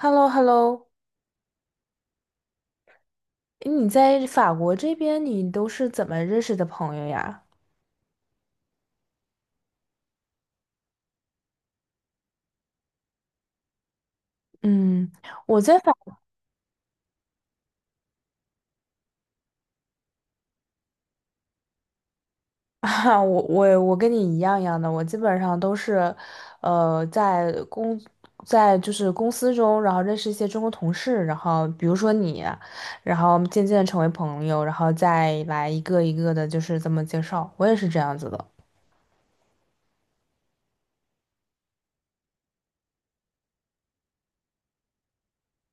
h e l l o h e l l o 你在法国这边，你都是怎么认识的朋友呀？嗯，我在法，啊，我跟你一样一样的，我基本上都是，呃，在公，在就是公司中，然后认识一些中国同事，然后比如说你，然后渐渐地成为朋友，然后再来一个一个的，就是这么介绍，我也是这样子的。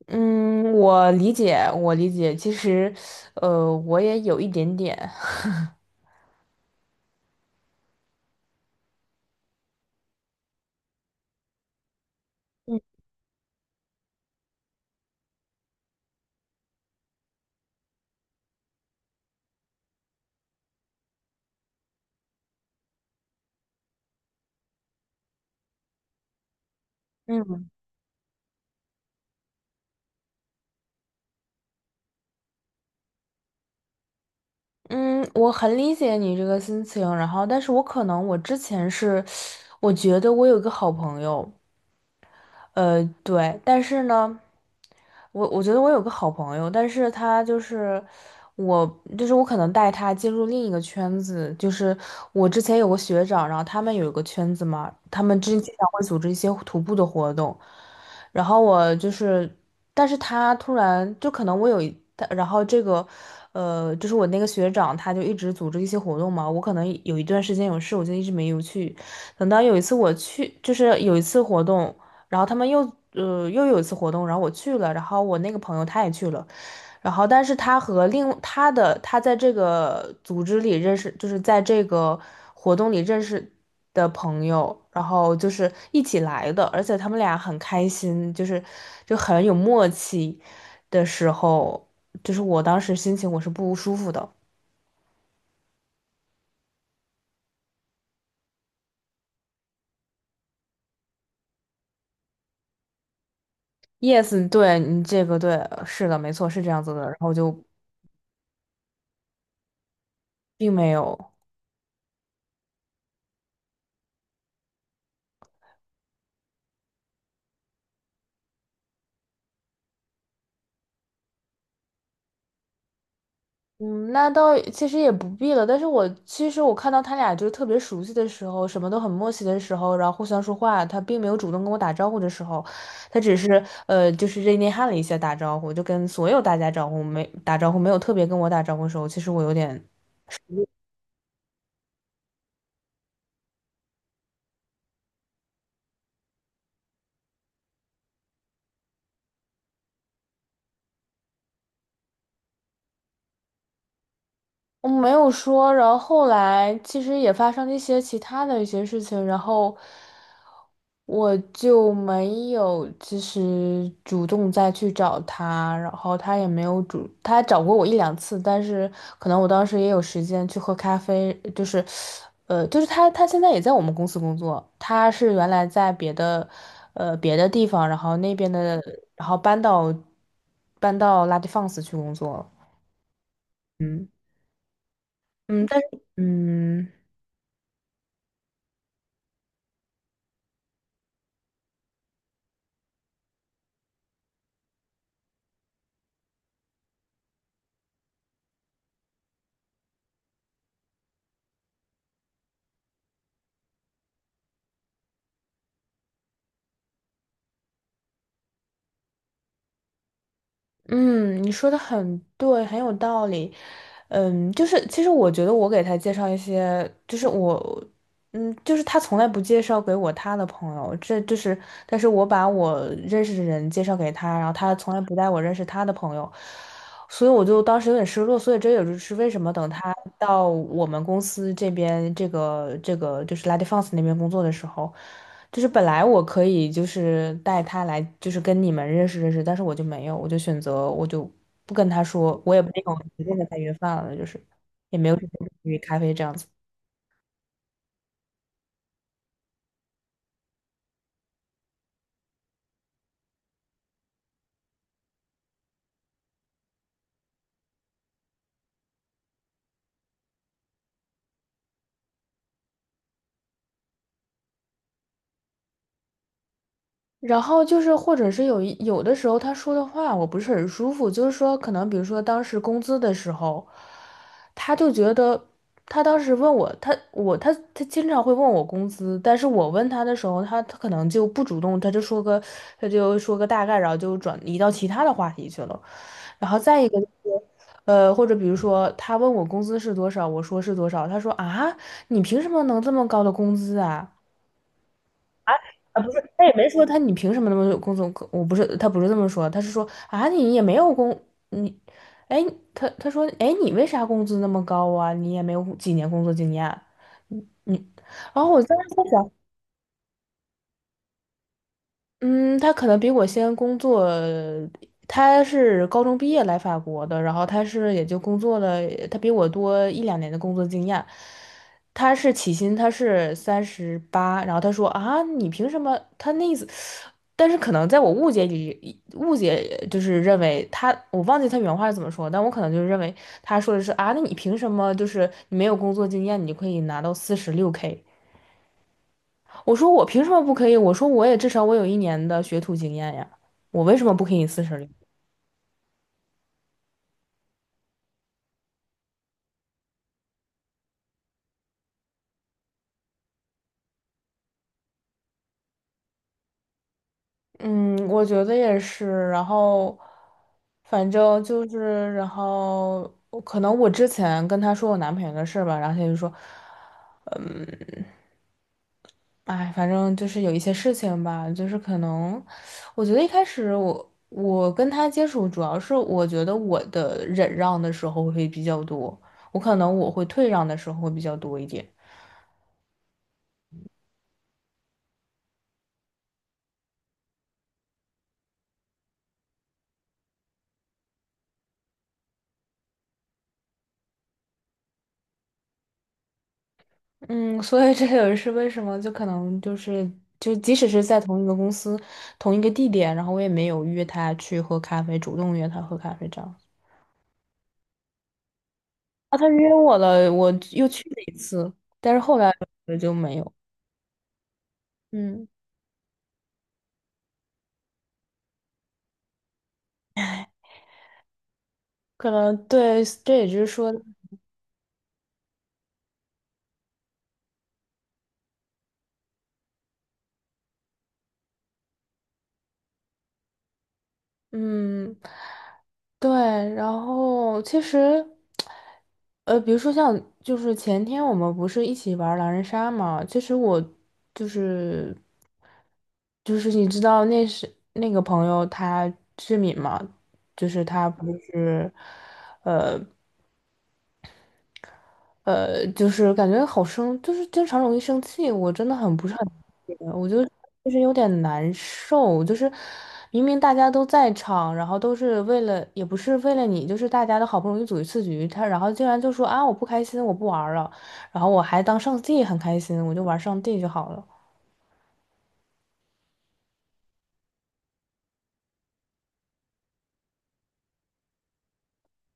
嗯，我理解，我理解，其实，我也有一点点。嗯嗯，嗯，我很理解你这个心情，然后，但是我可能我之前是，我觉得我有一个好朋友，对，但是呢。我觉得我有个好朋友，但是他就是我，就是我可能带他进入另一个圈子，就是我之前有个学长，然后他们有一个圈子嘛，他们之前经常会组织一些徒步的活动，然后我就是，但是他突然就可能我有一，他然后这个，就是我那个学长他就一直组织一些活动嘛，我可能有一段时间有事，我就一直没有去，等到有一次我去，就是有一次活动。然后他们又有一次活动，然后我去了，然后我那个朋友他也去了，然后但是他和另他的他在这个组织里认识，就是在这个活动里认识的朋友，然后就是一起来的，而且他们俩很开心，就是就很有默契的时候，就是我当时心情我是不舒服的。Yes，对你这个对，是的，没错，是这样子的，然后就并没有。嗯，那倒其实也不必了。但是我其实我看到他俩就是特别熟悉的时候，什么都很默契的时候，然后互相说话，他并没有主动跟我打招呼的时候，他只是就是热内涵了一下打招呼，就跟所有大家招呼没打招呼，没有特别跟我打招呼的时候，其实我有点我没有说，然后后来其实也发生了一些其他的一些事情，然后我就没有其实主动再去找他，然后他也没有主，他找过我一两次，但是可能我当时也有时间去喝咖啡，就是，就是他现在也在我们公司工作，他是原来在别的，别的地方，然后那边的，然后搬到拉蒂放肆去工作了嗯嗯，但是嗯。嗯，你说的很对，很有道理。嗯，就是其实我觉得我给他介绍一些，就是我，嗯，就是他从来不介绍给我他的朋友，这就是，但是我把我认识的人介绍给他，然后他从来不带我认识他的朋友，所以我就当时有点失落，所以这也就是为什么等他到我们公司这边，这个就是 La d é f e n s 那边工作的时候，就是本来我可以就是带他来，就是跟你们认识认识，但是我就没有，我就选择我就不跟他说，我也没有直接跟他约饭了，就是也没有去咖啡这样子。然后就是，或者是有的时候他说的话我不是很舒服，就是说可能比如说当时工资的时候，他就觉得他当时问我，他经常会问我工资，但是我问他的时候，他可能就不主动，他就说个大概，然后就转移到其他的话题去了。然后再一个就是，或者比如说他问我工资是多少，我说是多少，他说啊，你凭什么能这么高的工资啊？啊，不是，他也没说他你凭什么那么有工作？我不是，他不是这么说，他是说啊，你也没有工，你，哎，他说，哎，你为啥工资那么高啊？你也没有几年工作经验啊，你，然后我当时在想，嗯，他可能比我先工作，他是高中毕业来法国的，然后他是也就工作了，他比我多一两年的工作经验。他是起薪，他是38，然后他说啊，你凭什么？他那意思，但是可能在我误解里，误解就是认为他，我忘记他原话是怎么说，但我可能就认为他说的是啊，那你凭什么就是你没有工作经验，你就可以拿到46K？我说我凭什么不可以？我说我也至少我有1年的学徒经验呀，我为什么不可以40？嗯，我觉得也是。然后，反正就是，然后可能我之前跟他说我男朋友的事儿吧，然后他就说，哎，反正就是有一些事情吧，就是可能，我觉得一开始我跟他接触，主要是我觉得我的忍让的时候会比较多，我可能我会退让的时候会比较多一点。嗯，所以这也是为什么，就可能就是，就即使是在同一个公司、同一个地点，然后我也没有约他去喝咖啡，主动约他喝咖啡这样。啊，他约我了，我又去了一次，但是后来我就没有。嗯，可能对，这也就是说，嗯，对，然后其实，比如说像就是前天我们不是一起玩狼人杀嘛，其实我就是就是你知道那是那个朋友他志敏嘛，就是他不是。呃。就是感觉好生，就是经常容易生气，我真的很不是很理解我就是有点难受，就是明明大家都在场，然后都是为了，也不是为了你，就是大家都好不容易组一次局，他然后竟然就说啊我不开心，我不玩儿了，然后我还当上帝很开心，我就玩上帝就好了。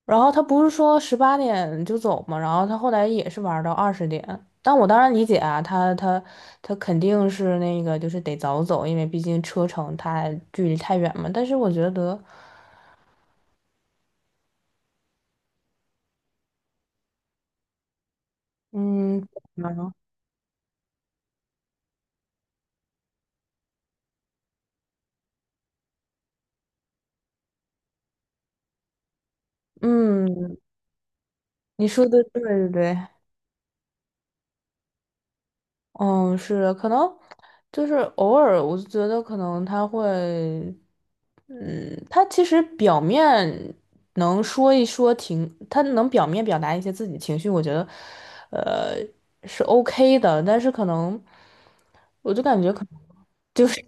然后他不是说18点就走嘛，然后他后来也是玩儿到20点。但我当然理解啊，他肯定是那个就是得早走，因为毕竟车程太距离太远嘛。但是我觉得，嗯，嗯，嗯你说的对对对，嗯，是的可能就是偶尔，我就觉得可能他会，嗯，他其实表面能说一说情，他能表面表达一些自己情绪，我觉得，呃，是 OK 的，但是可能，我就感觉可能就是，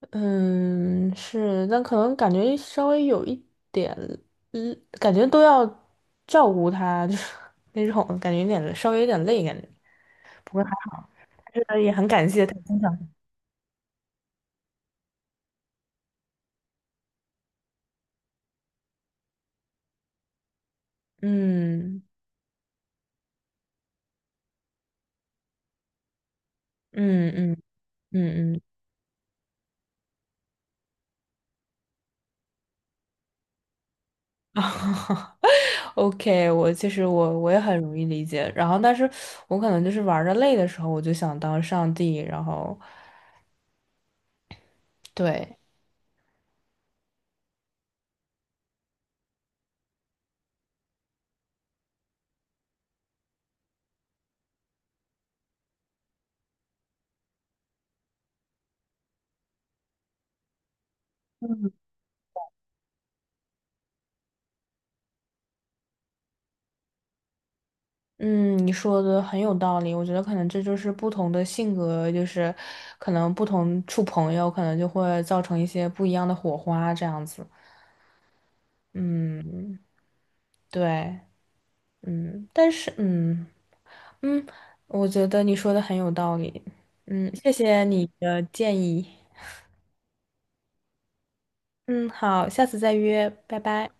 嗯，是，但可能感觉稍微有一点，嗯，感觉都要照顾他，就是那种感觉有点稍微有点累，感觉，不过还好。是的，也很感谢他经常，嗯嗯嗯嗯嗯 啊，OK，我其实我也很容易理解，然后但是我可能就是玩的累的时候，我就想当上帝，然后对，嗯，你说的很有道理，我觉得可能这就是不同的性格，就是可能不同处朋友，可能就会造成一些不一样的火花这样子，嗯，对，嗯，但是嗯。嗯，我觉得你说的很有道理。嗯，谢谢你的建议。嗯，好，下次再约，拜拜。